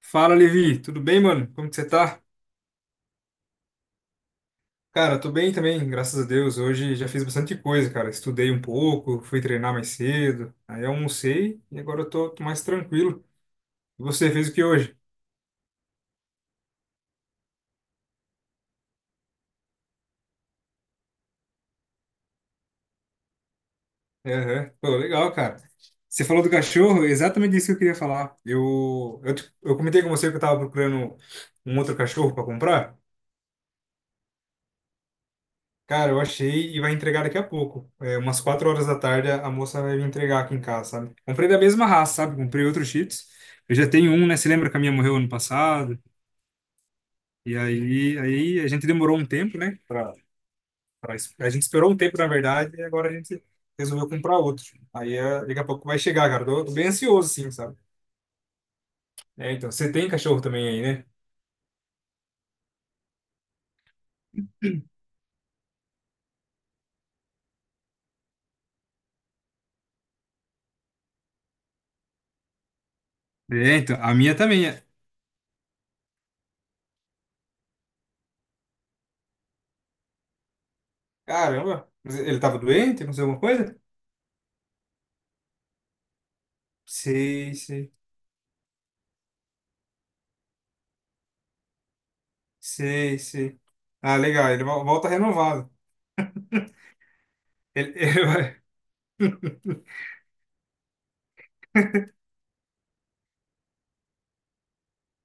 Fala, Levi, tudo bem, mano? Como que você tá? Cara, tô bem também, graças a Deus. Hoje já fiz bastante coisa, cara. Estudei um pouco, fui treinar mais cedo, aí almocei e agora eu tô mais tranquilo. E você fez o que hoje? Aham. Pô, legal, cara. Você falou do cachorro, exatamente isso que eu queria falar. Eu comentei com você que eu tava procurando um outro cachorro pra comprar. Cara, eu achei e vai entregar daqui a pouco. É, umas 4 horas da tarde a moça vai me entregar aqui em casa, sabe? Comprei da mesma raça, sabe? Comprei outro Shih Tzus. Eu já tenho um, né? Você lembra que a minha morreu ano passado? E aí a gente demorou um tempo, né? A gente esperou um tempo, na verdade, e agora a gente resolveu comprar outro. Aí é, daqui a pouco vai chegar, cara. Tô bem ansioso, sim, sabe? É, então, você tem cachorro também aí, né? É, então, a minha também é. Caramba, mas ele tava doente, aconteceu alguma coisa? Sei, sei. Sei, sei. Ah, legal. Volta renovado. Ele, ele vai...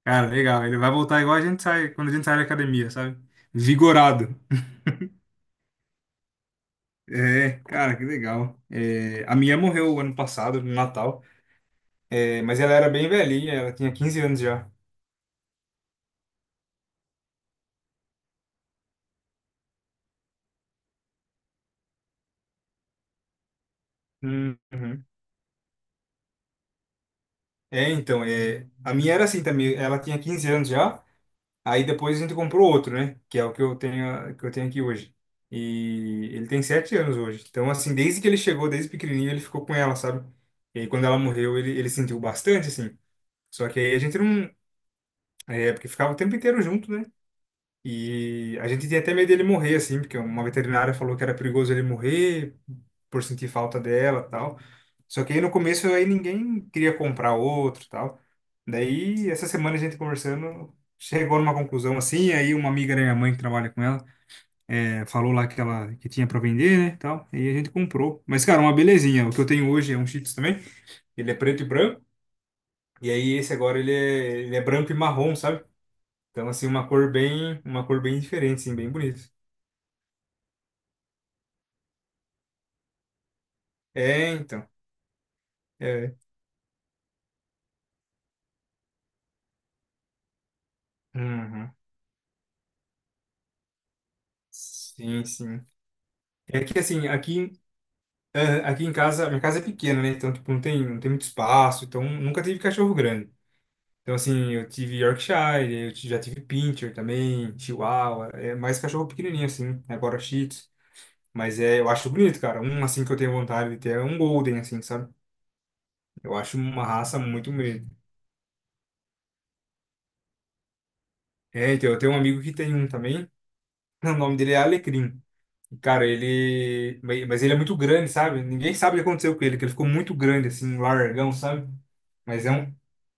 Cara, legal. Ele vai voltar igual a gente sai, quando a gente sai da academia, sabe? Vigorado. É, cara, que legal. É, a minha morreu ano passado, no Natal. É, mas ela era bem velhinha, ela tinha 15 anos já. Uhum. É, então, é, a minha era assim também. Ela tinha 15 anos já. Aí depois a gente comprou outro, né? Que é o que eu tenho aqui hoje. E ele tem 7 anos hoje. Então, assim, desde que ele chegou, desde pequenininho, ele ficou com ela, sabe? E aí, quando ela morreu, ele sentiu bastante, assim. Só que aí a gente não. É, porque ficava o tempo inteiro junto, né? E a gente tinha até medo dele morrer, assim, porque uma veterinária falou que era perigoso ele morrer por sentir falta dela tal. Só que aí no começo aí ninguém queria comprar outro tal. Daí, essa semana a gente conversando, chegou numa conclusão assim, aí uma amiga da minha mãe que trabalha com ela, falou lá que ela que tinha para vender, né, tal, e a gente comprou. Mas, cara, uma belezinha. O que eu tenho hoje é um Shih Tzu também, ele é preto e branco, e aí esse agora ele é branco e marrom, sabe? Então, assim, uma cor bem diferente, assim, bem bonita. É, então. É. Uhum. Sim, sim. É que assim, aqui, é, aqui em casa, minha casa é pequena, né? Então, tipo, não tem muito espaço. Então, nunca tive cachorro grande. Então, assim, eu tive Yorkshire, já tive Pinscher também, Chihuahua. É mais cachorro pequenininho, assim. Né? Agora Shih Tzu. Mas é, eu acho bonito, cara. Um, assim, que eu tenho vontade de ter é um Golden, assim, sabe? Eu acho uma raça muito bonita. É, então, eu tenho um amigo que tem um também. O nome dele é Alecrim. Cara, ele. Mas ele é muito grande, sabe? Ninguém sabe o que aconteceu com ele, que ele ficou muito grande, assim, um largão, sabe? Mas é um.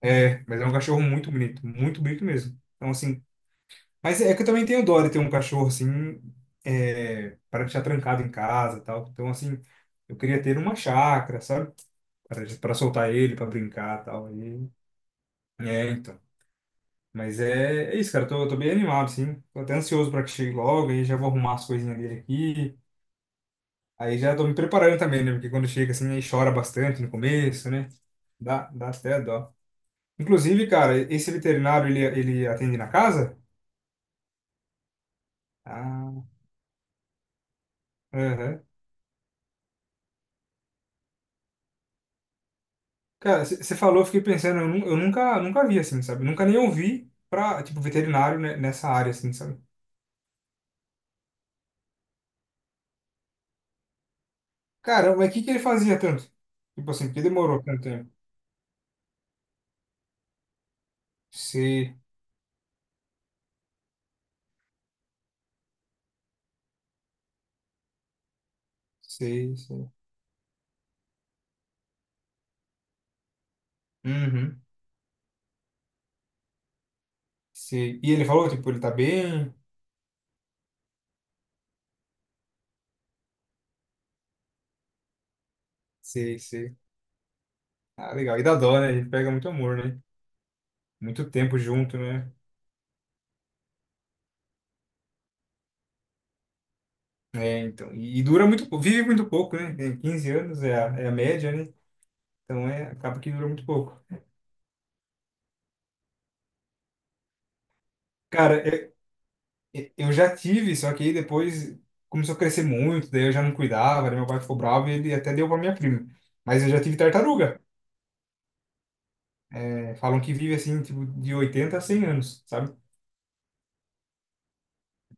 É, mas é um cachorro muito bonito mesmo. Então, assim. Mas é que eu também tenho dó de ter um cachorro, assim, é, para deixar trancado em casa e tal. Então, assim, eu queria ter uma chácara, sabe? Para soltar ele, para brincar e tal. E... É, então. Mas é, é isso, cara. Eu tô bem animado, assim. Tô até ansioso para que chegue logo, aí já vou arrumar as coisinhas dele aqui. Aí já tô me preparando também, né? Porque quando chega assim, aí chora bastante no começo, né? Dá até dó. Inclusive, cara, esse veterinário, ele atende na casa? Ah, aham. Cara, você falou, eu fiquei pensando, eu nunca, nunca vi assim, sabe? Nunca nem ouvi pra, tipo, veterinário né, nessa área, assim, sabe? Cara, mas o que que ele fazia tanto? Tipo assim, por que demorou tanto tempo? Sei, sei, sei. Uhum, sei. E ele falou, tipo, ele tá bem? Sei, sei. Ah, legal. E dá dó, né? Ele pega muito amor, né? Muito tempo junto, né? É, então. E dura muito, vive muito pouco, né? Tem 15 anos é a média, né? Então é, acaba que dura muito pouco. Cara, eu já tive, só que aí depois começou a crescer muito, daí eu já não cuidava, daí meu pai ficou bravo e ele até deu pra minha prima. Mas eu já tive tartaruga. É, falam que vive assim, tipo, de oitenta a 100 anos, sabe?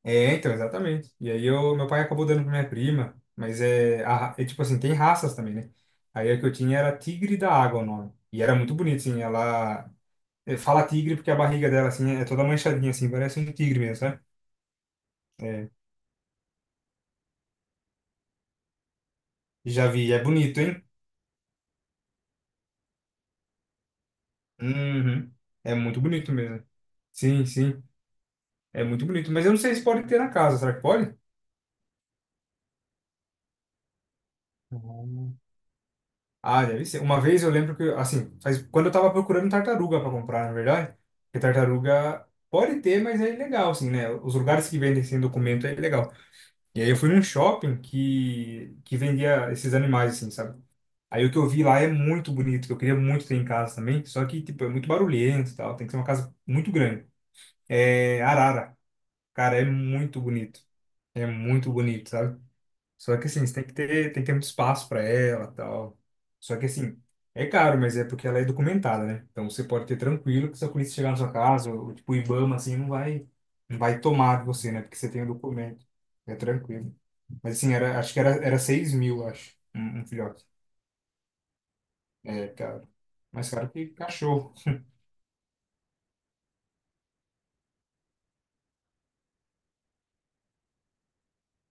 É, então, exatamente. E aí eu, meu pai acabou dando pra minha prima, mas é, é tipo assim, tem raças também, né? Aí a que eu tinha era tigre da água o nome. E era muito bonito, assim, ela É, Fala tigre porque a barriga dela, assim, é toda manchadinha, assim, parece um tigre mesmo, sabe? É, já vi, é bonito, hein? Uhum. É muito bonito mesmo. Sim, sim, é muito bonito. Mas eu não sei se pode ter na casa, será que pode? Hum. Ah, deve ser. Uma vez eu lembro que, assim, quando eu tava procurando tartaruga para comprar, na verdade, porque tartaruga pode ter, mas é ilegal, assim, né? Os lugares que vendem sem documento é ilegal. E aí eu fui num shopping que vendia esses animais, assim, sabe? Aí o que eu vi lá é muito bonito, que eu queria muito ter em casa também, só que, tipo, é muito barulhento e tal, tem que ser uma casa muito grande. É arara. Cara, é muito bonito. É muito bonito, sabe? Só que assim, você tem que ter muito espaço para ela, tal. Só que assim, é caro, mas é porque ela é documentada, né? Então você pode ter tranquilo que se a polícia chegar na sua casa, ou tipo o IBAMA assim, não vai tomar de você, né? Porque você tem o documento. É tranquilo. Mas assim, era, era 6 mil, acho, um filhote. É caro. Mais caro que cachorro.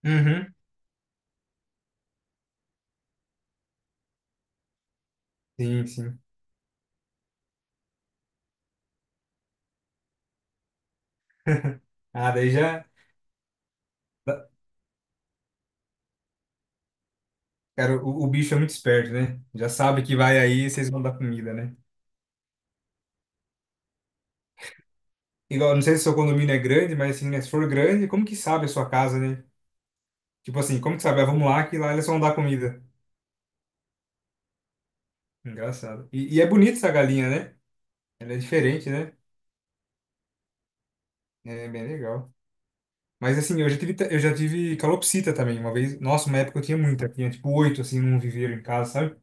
Uhum. Sim, sim. Ah, daí já. da- Cara, o bicho é muito esperto, né? Já sabe que vai aí, vocês vão dar comida, né? Igual, não sei se seu condomínio é grande, mas assim, né, se for grande, como que sabe a sua casa, né? Tipo assim, como que sabe? Ah, vamos lá que lá eles vão dar comida. Engraçado. E é bonita essa galinha, né? Ela é diferente, né? É bem legal. Mas assim, eu já tive calopsita também uma vez. Nossa, uma época eu tinha muita. Tinha tipo oito, assim, num viveiro em casa, sabe?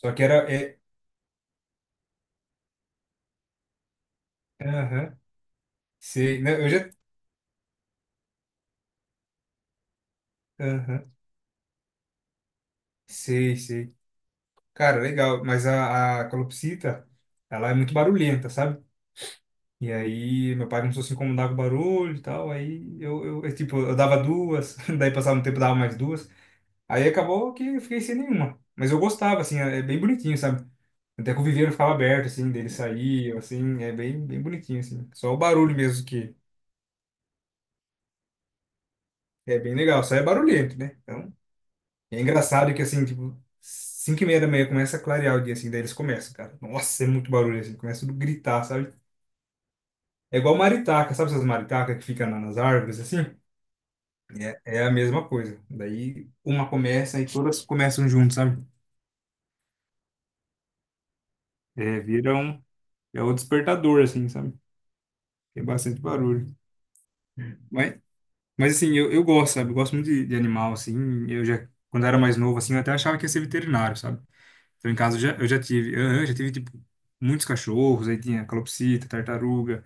Só que era... É, aham, sei. Não, eu já... Aham, sei, sei. Cara, legal. Mas a calopsita, ela é muito barulhenta, sabe? E aí meu pai começou a se incomodar com o barulho e tal, aí tipo, eu dava duas, daí passava um tempo, dava mais duas. Aí acabou que eu fiquei sem nenhuma. Mas eu gostava, assim, é bem bonitinho, sabe? Até que o viveiro ficava aberto, assim, dele saía, assim, é bem, bem bonitinho, assim. Só o barulho mesmo que é bem legal, só é barulhento, né? Então, é engraçado que, assim, tipo, 5:30 da manhã começa a clarear o dia, assim, daí eles começam, cara. Nossa, é muito barulho, assim, começa tudo a gritar, sabe? É igual maritaca, sabe essas maritacas que ficam nas árvores, assim? É a mesma coisa. Daí uma começa e todas começam junto, sabe? É, é o despertador, assim, sabe? Tem bastante barulho. Mas, mas assim, eu gosto, sabe? Eu gosto muito de animal, assim. Eu já, quando eu era mais novo, assim, eu até achava que ia ser veterinário, sabe? Então, em casa, eu já tive, tipo, muitos cachorros. Aí tinha calopsita, tartaruga,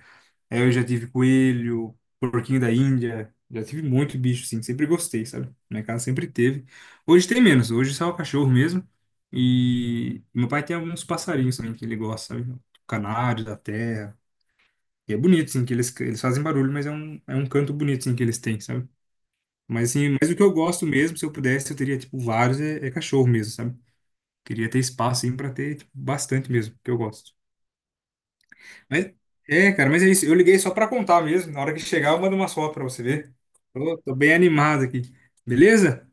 Aí eu já tive coelho, porquinho da Índia, já tive muito bicho, sim. Sempre gostei, sabe? Minha casa sempre teve. Hoje tem menos, hoje só é o cachorro mesmo. E meu pai tem alguns passarinhos também que ele gosta, sabe? O Canário da terra. E é bonito, sim, que eles fazem barulho, mas é um canto bonito, sim, que eles têm, sabe? Mas, assim, mas o que eu gosto mesmo, se eu pudesse, eu teria, tipo, vários, é, é cachorro mesmo, sabe? Queria ter espaço, assim, pra ter, tipo, bastante mesmo, que eu gosto. Mas, é, cara, mas é isso. Eu liguei só pra contar mesmo. Na hora que chegar, eu mando uma foto pra você ver. Tô bem animado aqui. Beleza?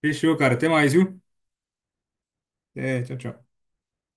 Fechou, cara. Até mais, viu? É, tchau, tchau.